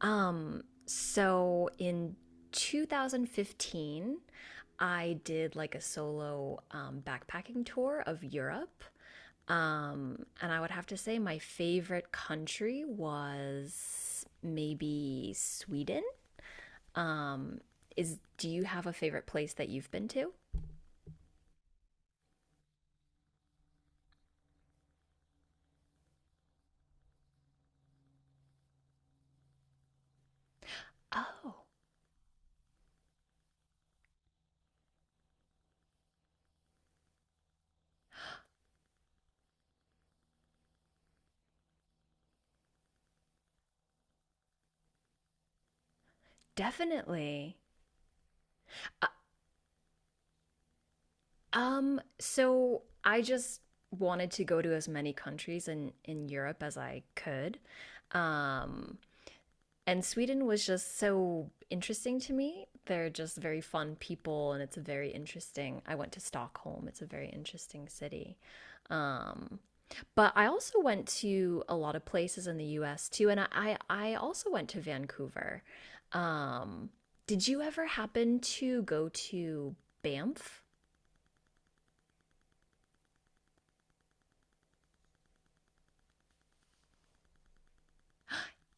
So in 2015, I did like a solo backpacking tour of Europe. And I would have to say my favorite country was maybe Sweden. Um, is do you have a favorite place that you've been to? Oh, definitely. Uh, so I just wanted to go to as many countries in Europe as I could. Um, and Sweden was just so interesting to me. They're just very fun people, and it's a very interesting. I went to Stockholm. It's a very interesting city. Um, but I also went to a lot of places in the U.S. too, and I also went to Vancouver. Um, did you ever happen to go to Banff?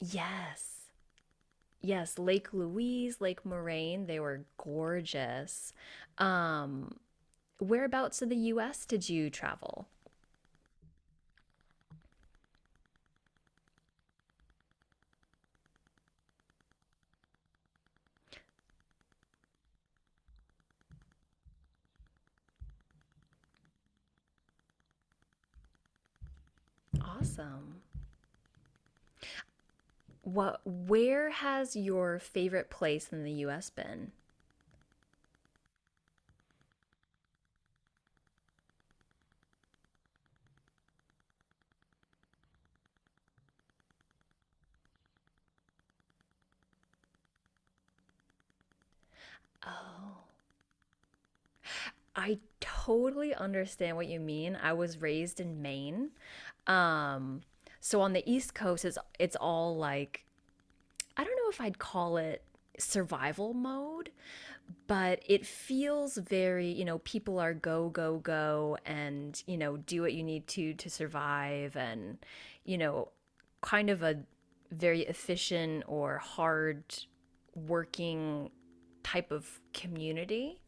Yes. Yes, Lake Louise, Lake Moraine, they were gorgeous. Um, whereabouts in the US did you travel? Awesome. What where has your favorite place in the US been? Oh, I totally understand what you mean. I was raised in Maine. Um, so on the East Coast it's all like I don't know if I'd call it survival mode, but it feels very, you know, people are go, go, go and, you know, do what you need to survive and, you know, kind of a very efficient or hard working type of community.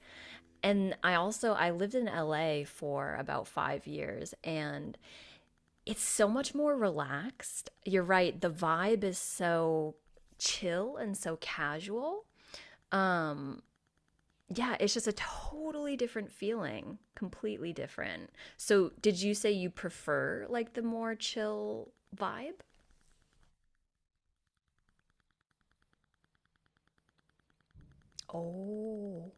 And I also I lived in LA for about 5 years and it's so much more relaxed. You're right, the vibe is so chill and so casual. Um yeah, it's just a totally different feeling, completely different. So, did you say you prefer like the more chill vibe? Oh.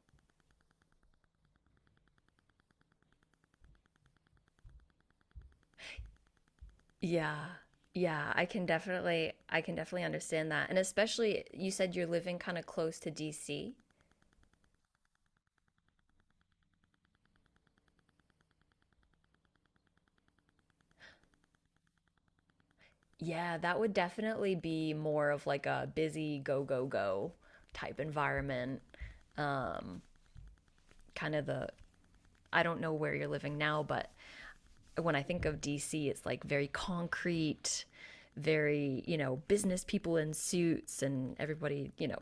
Yeah. Yeah, I can definitely understand that. And especially you said you're living kind of close to DC. Yeah, that would definitely be more of like a busy go go go type environment. Um kind of the I don't know where you're living now, but when I think of DC, it's like very concrete, very, you know, business people in suits and everybody, you know,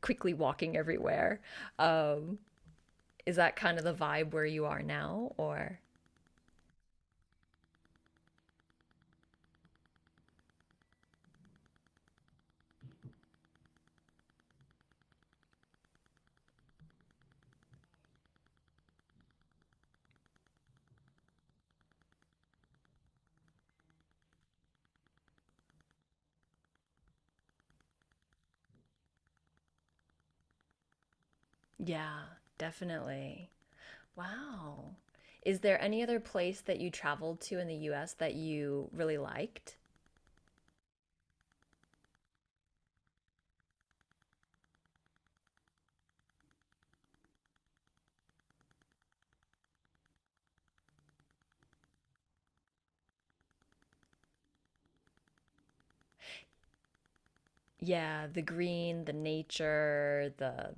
quickly walking everywhere. Um, is that kind of the vibe where you are now? Or, yeah, definitely. Wow. Is there any other place that you traveled to in the US that you really liked? Yeah, the green, the nature, the,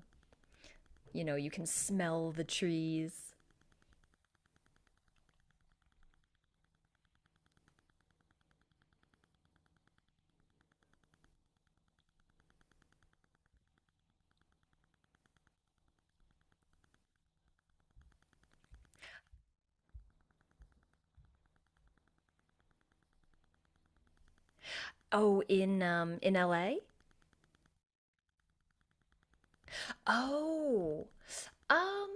you know, you can smell the trees. Oh, in LA? Oh, um,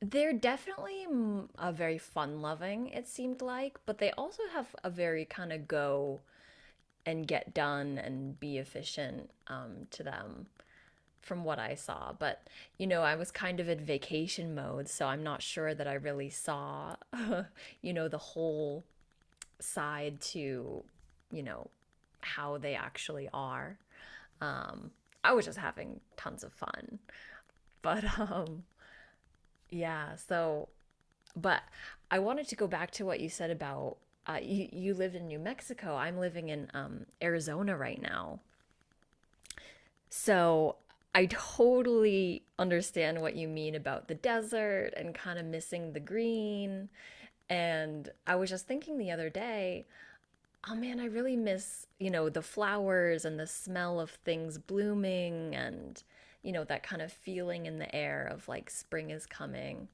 they're definitely a very fun-loving, it seemed like, but they also have a very kind of go and get done and be efficient to them from what I saw. But, you know, I was kind of in vacation mode, so I'm not sure that I really saw, you know, the whole side to, you know, how they actually are. Um, I was just having tons of fun. But yeah. So, but I wanted to go back to what you said about you lived in New Mexico. I'm living in Arizona right now. So I totally understand what you mean about the desert and kind of missing the green. And I was just thinking the other day, oh man, I really miss, you know, the flowers and the smell of things blooming and, you know, that kind of feeling in the air of like spring is coming.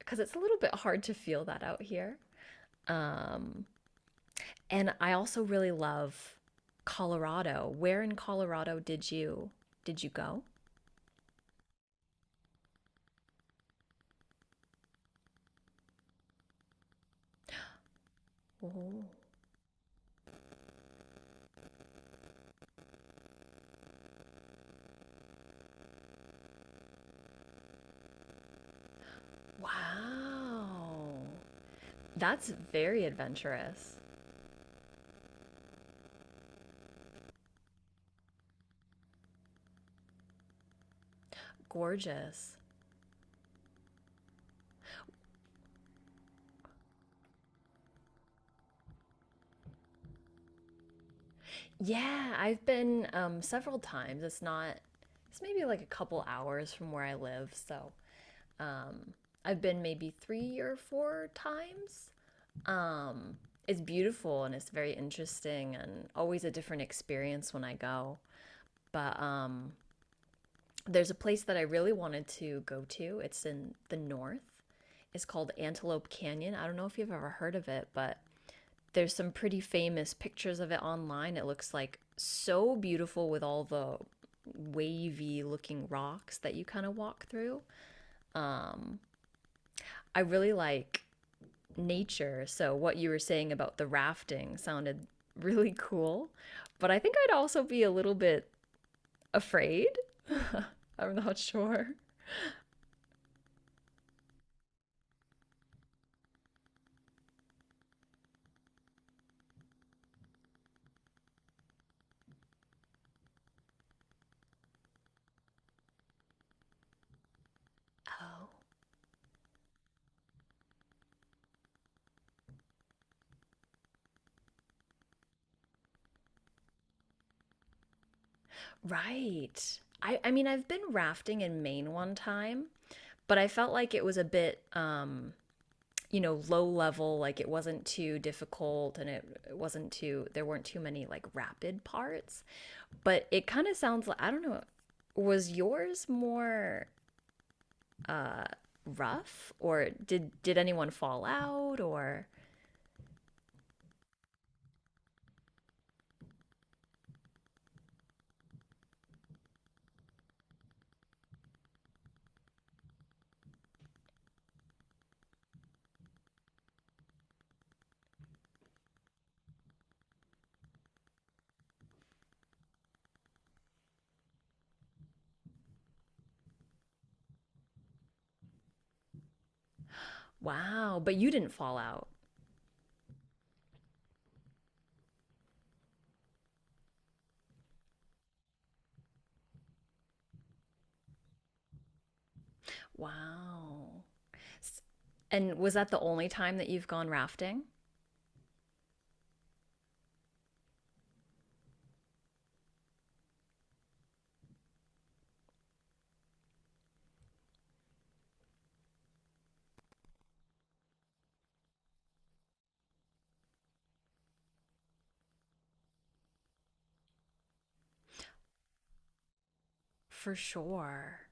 Because it's a little bit hard to feel that out here. Um, and I also really love Colorado. Where in Colorado did you go? Oh, wow. That's very adventurous. Gorgeous. Yeah, I've been several times. It's not, it's maybe like a couple hours from where I live. So um, I've been maybe three or four times. Um, it's beautiful and it's very interesting and always a different experience when I go. But there's a place that I really wanted to go to. It's in the north. It's called Antelope Canyon. I don't know if you've ever heard of it, but there's some pretty famous pictures of it online. It looks like so beautiful with all the wavy looking rocks that you kind of walk through. Um, I really like nature. So, what you were saying about the rafting sounded really cool. But I think I'd also be a little bit afraid. I'm not sure. Oh, right. I mean, I've been rafting in Maine one time, but I felt like it was a bit you know low level like it wasn't too difficult wasn't too there weren't too many like rapid parts but it kind of sounds like I don't know was yours more uh rough or did anyone fall out or wow but you didn't fall out. Wow, and was that the only time that you've gone rafting for sure.